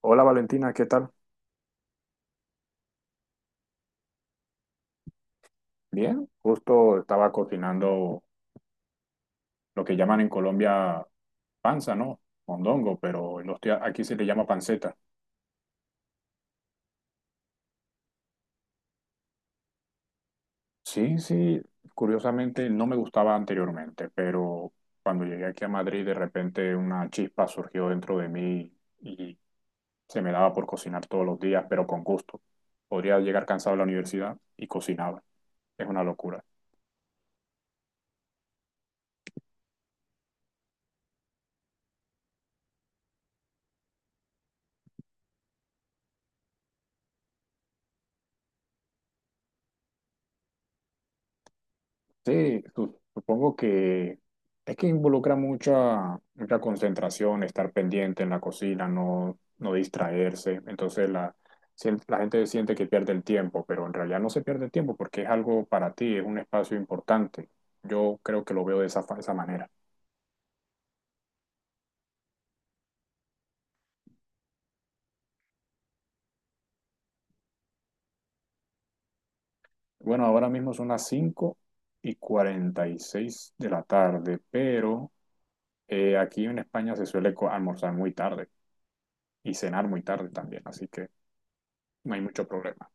Hola Valentina, ¿qué tal? Bien, justo estaba cocinando lo que llaman en Colombia panza, ¿no? Mondongo, pero en aquí se le llama panceta. Sí, sí, curiosamente no me gustaba anteriormente, pero cuando llegué aquí a Madrid de repente una chispa surgió dentro de mí y se me daba por cocinar todos los días, pero con gusto. Podría llegar cansado a la universidad y cocinaba. Es una locura. Sí, supongo que es que involucra mucha, mucha concentración, estar pendiente en la cocina, no, no distraerse. Entonces la gente siente que pierde el tiempo, pero en realidad no se pierde el tiempo porque es algo para ti, es un espacio importante. Yo creo que lo veo de esa manera. Bueno, ahora mismo son las 5:46 de la tarde, pero aquí en España se suele almorzar muy tarde y cenar muy tarde también, así que no hay mucho problema.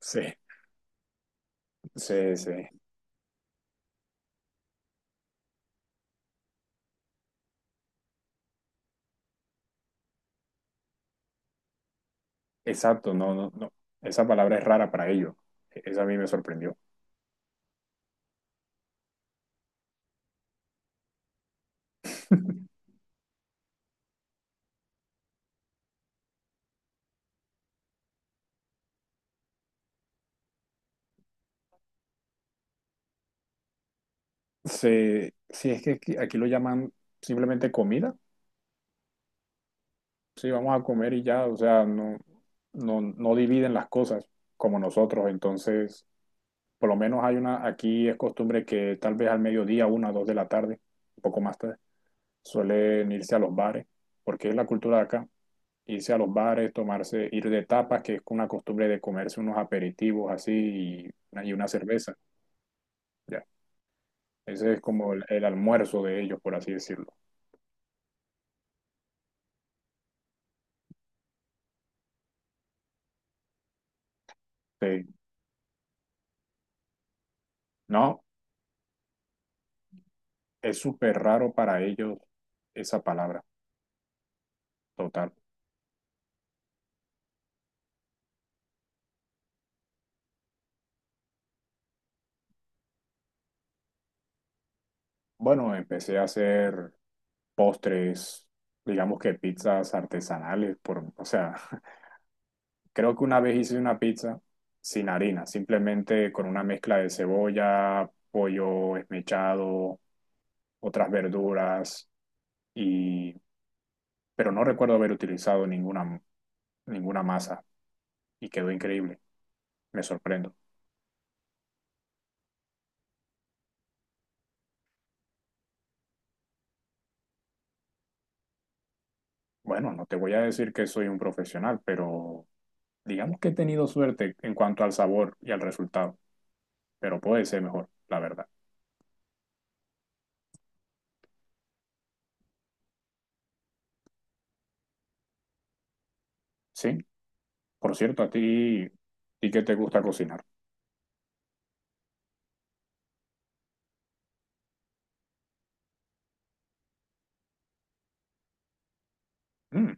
Sí. Sí, sí, exacto, no, no, no. Esa palabra es rara para ellos. Esa a mí me sorprendió. Sí, sí, es que aquí, aquí lo llaman simplemente comida. Sí, vamos a comer y ya, o sea, no, no dividen las cosas como nosotros. Entonces, por lo menos aquí es costumbre que tal vez al mediodía, una o dos de la tarde, un poco más tarde, suelen irse a los bares, porque es la cultura de acá. Irse a los bares, tomarse, ir de tapas, que es una costumbre de comerse unos aperitivos así y una cerveza. Ya. Ese es como el almuerzo de ellos, por así decirlo. Sí. No, es súper raro para ellos esa palabra, total. Bueno, empecé a hacer postres, digamos que pizzas artesanales, o sea, creo que una vez hice una pizza sin harina, simplemente con una mezcla de cebolla, pollo esmechado, otras verduras y, pero no recuerdo haber utilizado ninguna masa y quedó increíble. Me sorprendo. Bueno, no te voy a decir que soy un profesional, pero digamos que he tenido suerte en cuanto al sabor y al resultado, pero puede ser mejor, la verdad. Sí, por cierto, ¿y qué te gusta cocinar? Mm,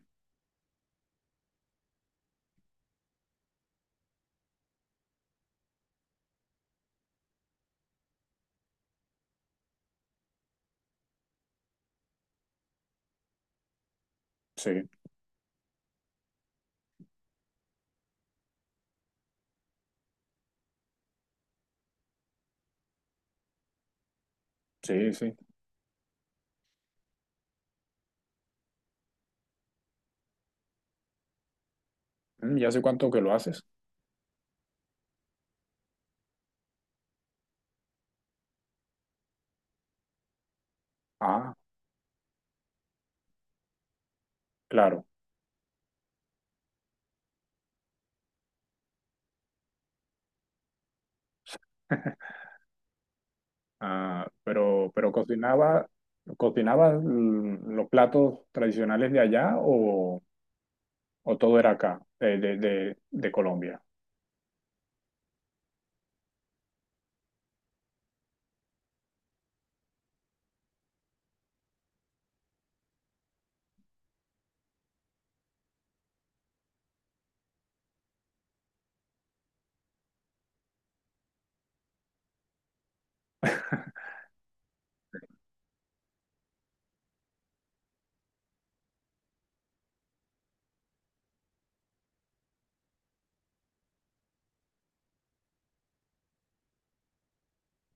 sí, sí, sí. Mm, ¿y hace cuánto que lo haces? Ah, claro. Ah, pero cocinaba, cocinaba los platos tradicionales de allá o todo era acá, de Colombia.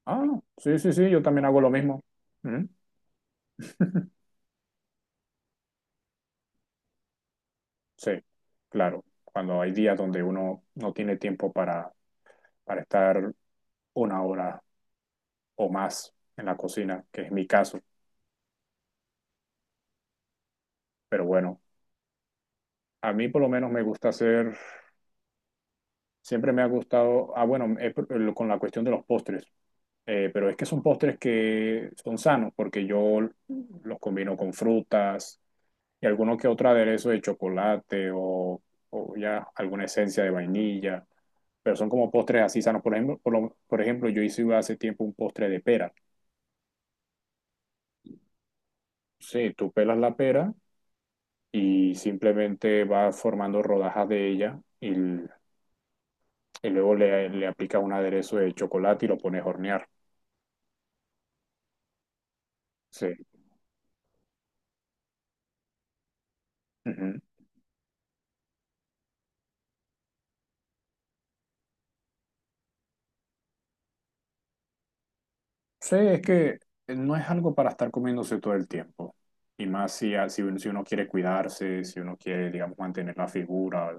Ah, sí, sí, sí, yo también hago lo mismo. Mm. Sí, claro, cuando hay días donde uno no tiene tiempo para estar una hora o más en la cocina, que es mi caso, pero bueno, a mí por lo menos me gusta hacer, siempre me ha gustado, ah, bueno, con la cuestión de los postres, pero es que son postres que son sanos porque yo los combino con frutas, y alguno que otro aderezo de chocolate o ya alguna esencia de vainilla, pero son como postres así sanos. Por ejemplo, por ejemplo, yo hice hace tiempo un postre de pera. Sí, tú pelas la pera y simplemente vas formando rodajas de ella y luego le aplicas un aderezo de chocolate y lo pones a hornear. Sí. Ujú. Sí, es que no es algo para estar comiéndose todo el tiempo. Y más si, si uno si uno quiere cuidarse, si uno quiere, digamos, mantener la figura,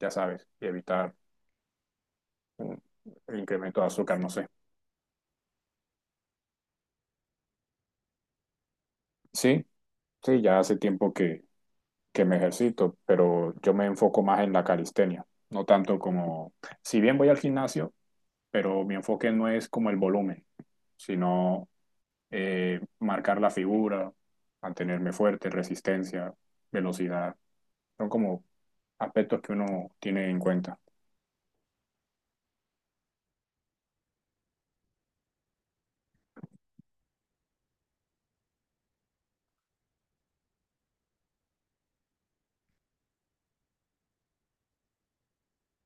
ya sabes, y evitar mm, el incremento de azúcar, no sé. Sí, sí, ya hace tiempo que me ejercito, pero yo me enfoco más en la calistenia, no tanto como, si bien voy al gimnasio, pero mi enfoque no es como el volumen, sino marcar la figura, mantenerme fuerte, resistencia, velocidad. Son como aspectos que uno tiene en cuenta.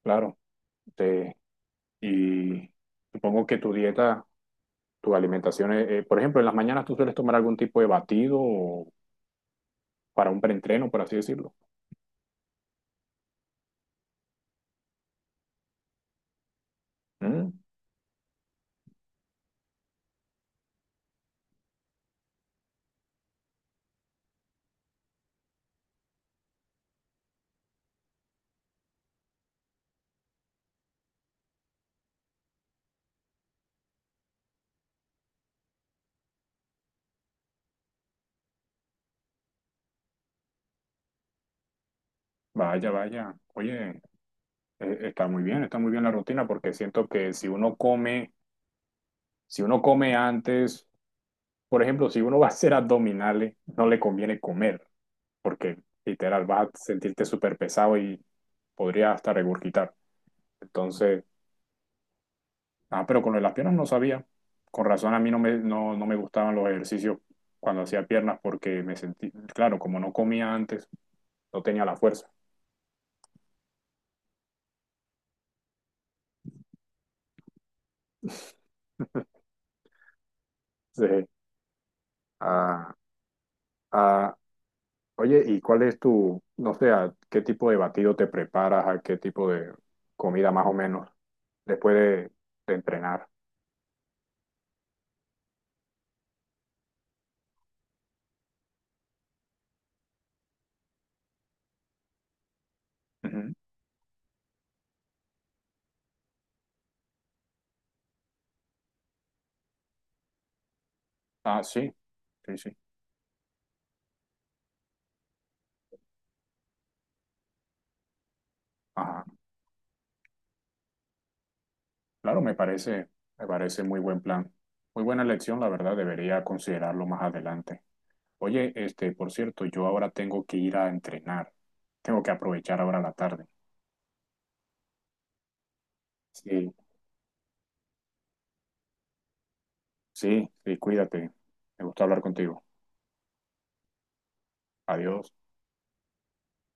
Claro. Te- y supongo que tu dieta, tu alimentación, por ejemplo, en las mañanas tú sueles tomar algún tipo de batido o para un preentreno, por así decirlo. Mm, vaya, vaya. Oye, está muy bien la rutina porque siento que si uno come, si uno come antes, por ejemplo, si uno va a hacer abdominales, no le conviene comer porque literal vas a sentirte súper pesado y podría hasta regurgitar. Entonces... Ah, pero con lo de las piernas no sabía. Con razón a mí no me gustaban los ejercicios cuando hacía piernas porque me sentí, claro, como no comía antes, no tenía la fuerza. Sí. Ah, ah, oye, ¿y cuál es tu, no sé, a qué tipo de batido te preparas, a qué tipo de comida más o menos después de entrenar? Ujú. Ah, sí, sí, sí. Ajá. Claro, me parece, me parece muy buen plan. Muy buena elección, la verdad, debería considerarlo más adelante. Oye, este, por cierto, yo ahora tengo que ir a entrenar. Tengo que aprovechar ahora la tarde. Sí, sí, sí, cuídate. Me gustó hablar contigo. Adiós.